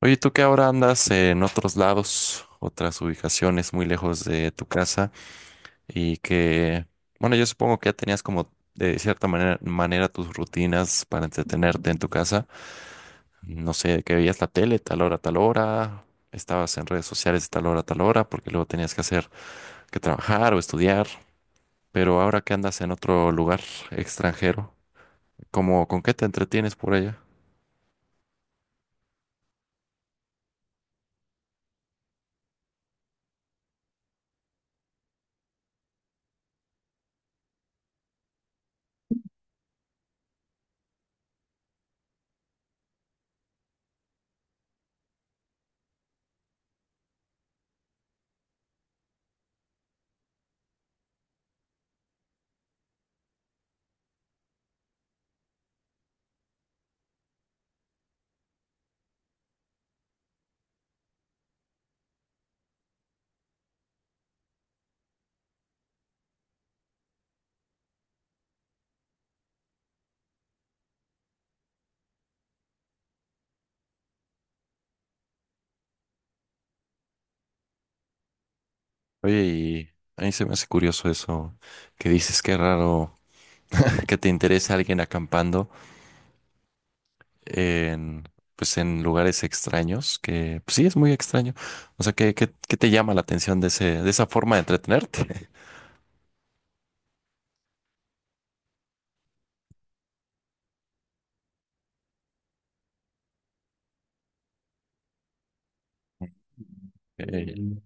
Oye, tú que ahora andas en otros lados, otras ubicaciones muy lejos de tu casa y que, bueno, yo supongo que ya tenías como de cierta manera tus rutinas para entretenerte en tu casa. No sé, que veías la tele tal hora, estabas en redes sociales tal hora, porque luego tenías que trabajar o estudiar. Pero ahora que andas en otro lugar extranjero, ¿cómo, con qué te entretienes por allá? Oye, y a mí se me hace curioso eso que dices, qué raro, que te interese alguien acampando en, pues en lugares extraños, que pues sí es muy extraño. O sea, ¿qué te llama la atención de ese, de esa forma de entretenerte? Eh, Mm,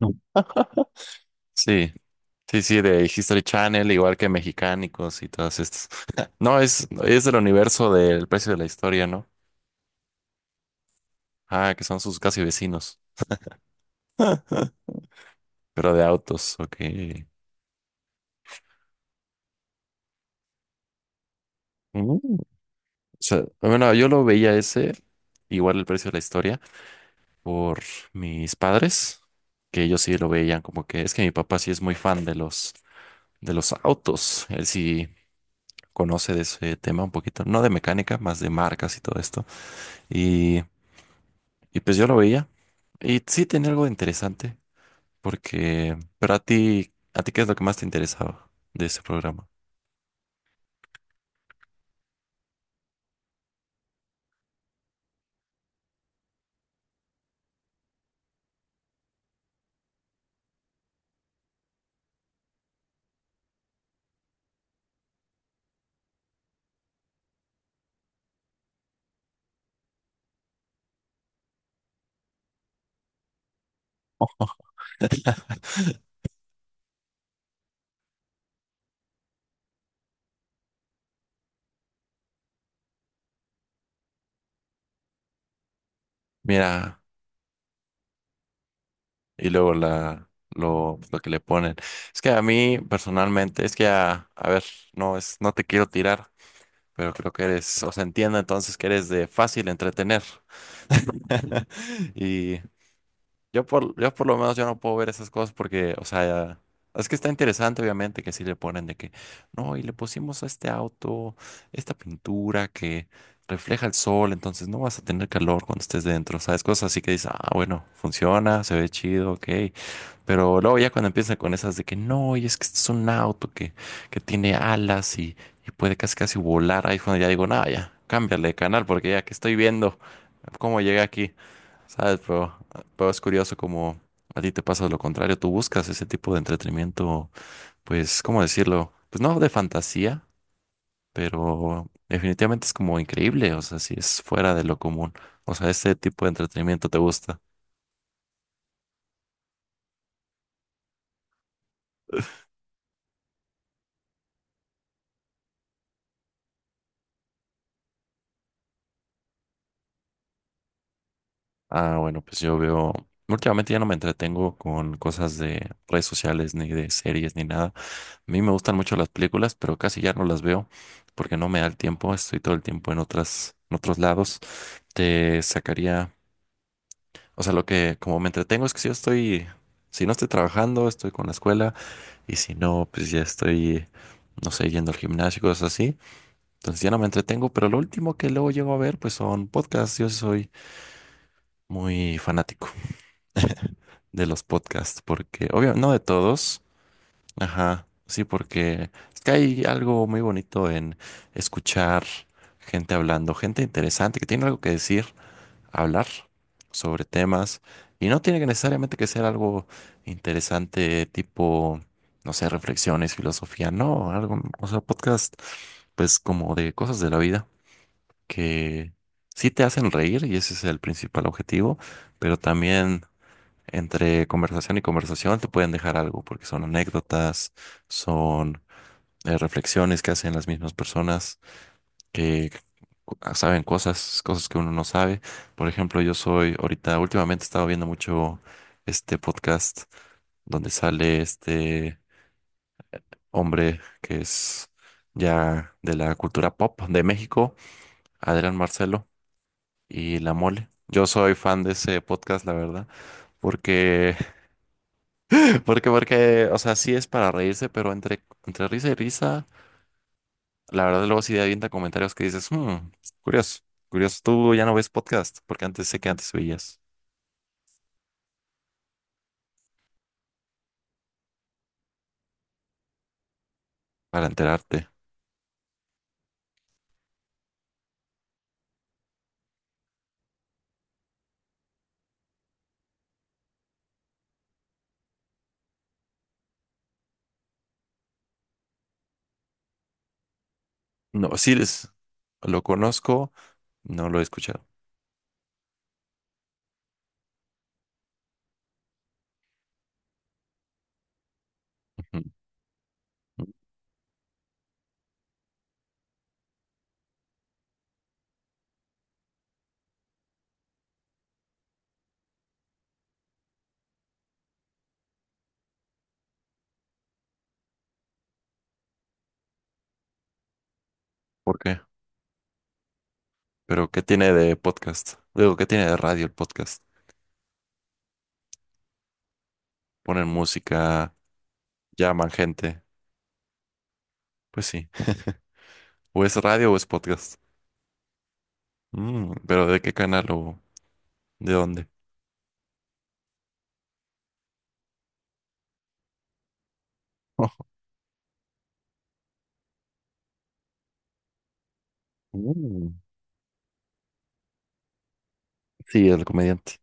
no. Sí, sí, sí, de History Channel, igual que Mexicánicos y todas estas. No, es del universo del precio de la historia, ¿no? Ah, que son sus casi vecinos. Pero de autos, ok. Mm. O sea, bueno, yo lo veía ese, igual el precio de la historia, por mis padres, que ellos sí lo veían como que es que mi papá sí es muy fan de los autos, él sí conoce de ese tema un poquito, no de mecánica, más de marcas y todo esto. Y, y pues yo lo veía y sí tenía algo interesante porque, pero a ti ¿qué es lo que más te interesaba de ese programa? Mira, y luego la, lo que le ponen. Es que a mí personalmente, es que a ver, no es, no te quiero tirar, pero creo que eres, o sea, entiendo entonces que eres de fácil entretener. Y yo por lo menos yo no puedo ver esas cosas porque, o sea, es que está interesante obviamente que sí le ponen de que, no, y le pusimos a este auto esta pintura que refleja el sol, entonces no vas a tener calor cuando estés dentro, ¿sabes? Cosas así que dices, ah, bueno, funciona, se ve chido, ok. Pero luego ya cuando empiezan con esas de que no, y es que este es un auto que tiene alas y puede casi casi volar, ahí es cuando ya digo, nada, ya, cámbiale de canal porque ya que estoy viendo cómo llegué aquí, ¿sabes? Pero es curioso como a ti te pasa lo contrario, tú buscas ese tipo de entretenimiento, pues, ¿cómo decirlo? Pues no de fantasía, pero definitivamente es como increíble, o sea, si es fuera de lo común, o sea, ese tipo de entretenimiento te gusta. Ah, bueno, pues yo veo, últimamente ya no me entretengo con cosas de redes sociales, ni de series, ni nada. A mí me gustan mucho las películas, pero casi ya no las veo porque no me da el tiempo, estoy todo el tiempo en otras, en otros lados. Te sacaría, o sea, lo que como me entretengo es que si yo estoy, si no estoy trabajando, estoy con la escuela, y si no, pues ya estoy, no sé, yendo al gimnasio, cosas así. Entonces ya no me entretengo, pero lo último que luego llego a ver, pues son podcasts, yo soy muy fanático de los podcasts, porque, obvio, no de todos, ajá, sí, porque es que hay algo muy bonito en escuchar gente hablando, gente interesante que tiene algo que decir, hablar sobre temas, y no tiene que necesariamente que ser algo interesante, tipo, no sé, reflexiones, filosofía, no, algo, o sea, podcast, pues como de cosas de la vida que sí te hacen reír, y ese es el principal objetivo, pero también entre conversación y conversación te pueden dejar algo, porque son anécdotas, son reflexiones que hacen las mismas personas que saben cosas, cosas que uno no sabe. Por ejemplo, yo soy ahorita, últimamente he estado viendo mucho este podcast donde sale este hombre que es ya de la cultura pop de México, Adrián Marcelo y La Mole. Yo soy fan de ese podcast, la verdad, porque porque o sea, sí es para reírse, pero entre risa y risa, la verdad luego sí avienta comentarios que dices, "Hmm, curioso, curioso, tú ya no ves podcast, porque antes sé que antes veías, para enterarte." No, sí, les, lo conozco, no lo he escuchado. Ujú. ¿Por qué? Pero, ¿qué tiene de podcast? Digo, ¿qué tiene de radio el podcast? Ponen música, llaman gente, pues sí. O es radio o es podcast. Mm, pero ¿de qué canal o de dónde? Mm, sí, el comediante.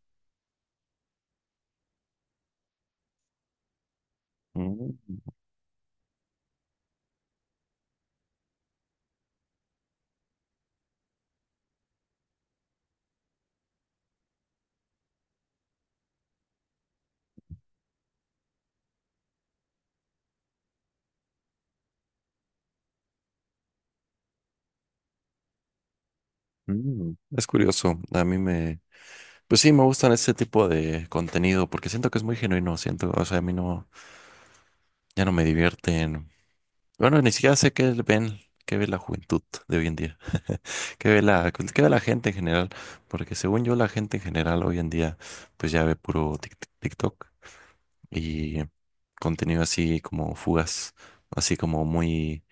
Mm, Es curioso, a mí me, pues sí, me gustan ese tipo de contenido porque siento que es muy genuino, siento, o sea, a mí no, ya no me divierten, bueno, ni siquiera sé qué ven, qué ve la juventud de hoy en día, qué ve la gente en general, porque según yo la gente en general hoy en día, pues ya ve puro TikTok y contenido así como fugas, así como muy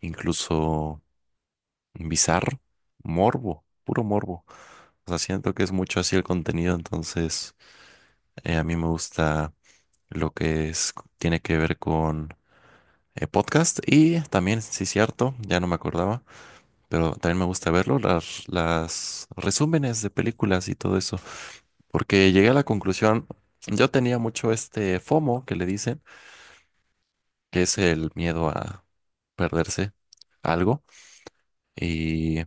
incluso bizarro, morbo, puro morbo. O sea, siento que es mucho así el contenido, entonces a mí me gusta lo que es, tiene que ver con podcast y también, sí, cierto, ya no me acordaba, pero también me gusta verlo, las resúmenes de películas y todo eso, porque llegué a la conclusión, yo tenía mucho este FOMO que le dicen, que es el miedo a perderse algo. Y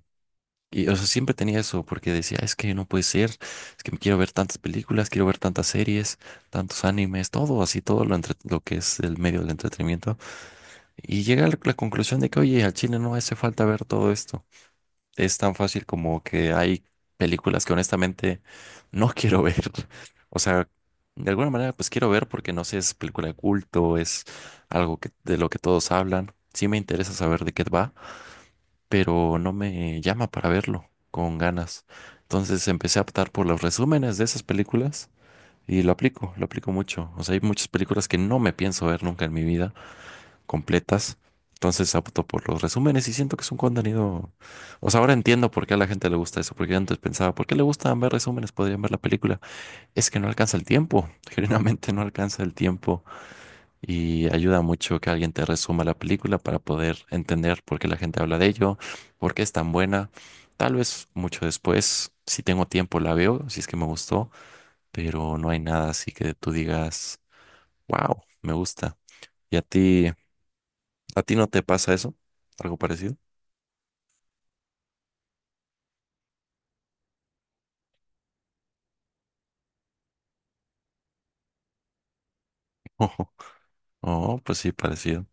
O sea, siempre tenía eso, porque decía, es que no puede ser, es que quiero ver tantas películas, quiero ver tantas series, tantos animes, todo así, todo lo, entre- lo que es el medio del entretenimiento. Y llega a la, la conclusión de que, oye, al chile no hace falta ver todo esto. Es tan fácil como que hay películas que honestamente no quiero ver. O sea, de alguna manera, pues quiero ver porque no sé, es película de culto, es algo que, de lo que todos hablan. Sí me interesa saber de qué va, pero no me llama para verlo con ganas. Entonces empecé a optar por los resúmenes de esas películas y lo aplico mucho. O sea, hay muchas películas que no me pienso ver nunca en mi vida completas. Entonces opto por los resúmenes y siento que es un contenido... O sea, ahora entiendo por qué a la gente le gusta eso, porque yo antes pensaba, ¿por qué le gustan ver resúmenes? Podrían ver la película. Es que no alcanza el tiempo, genuinamente no alcanza el tiempo y ayuda mucho que alguien te resuma la película para poder entender por qué la gente habla de ello, por qué es tan buena. Tal vez mucho después, si tengo tiempo, la veo, si es que me gustó, pero no hay nada así que tú digas, wow, me gusta. ¿Y a ti no te pasa eso? ¿Algo parecido? Oh, pues sí, parecido.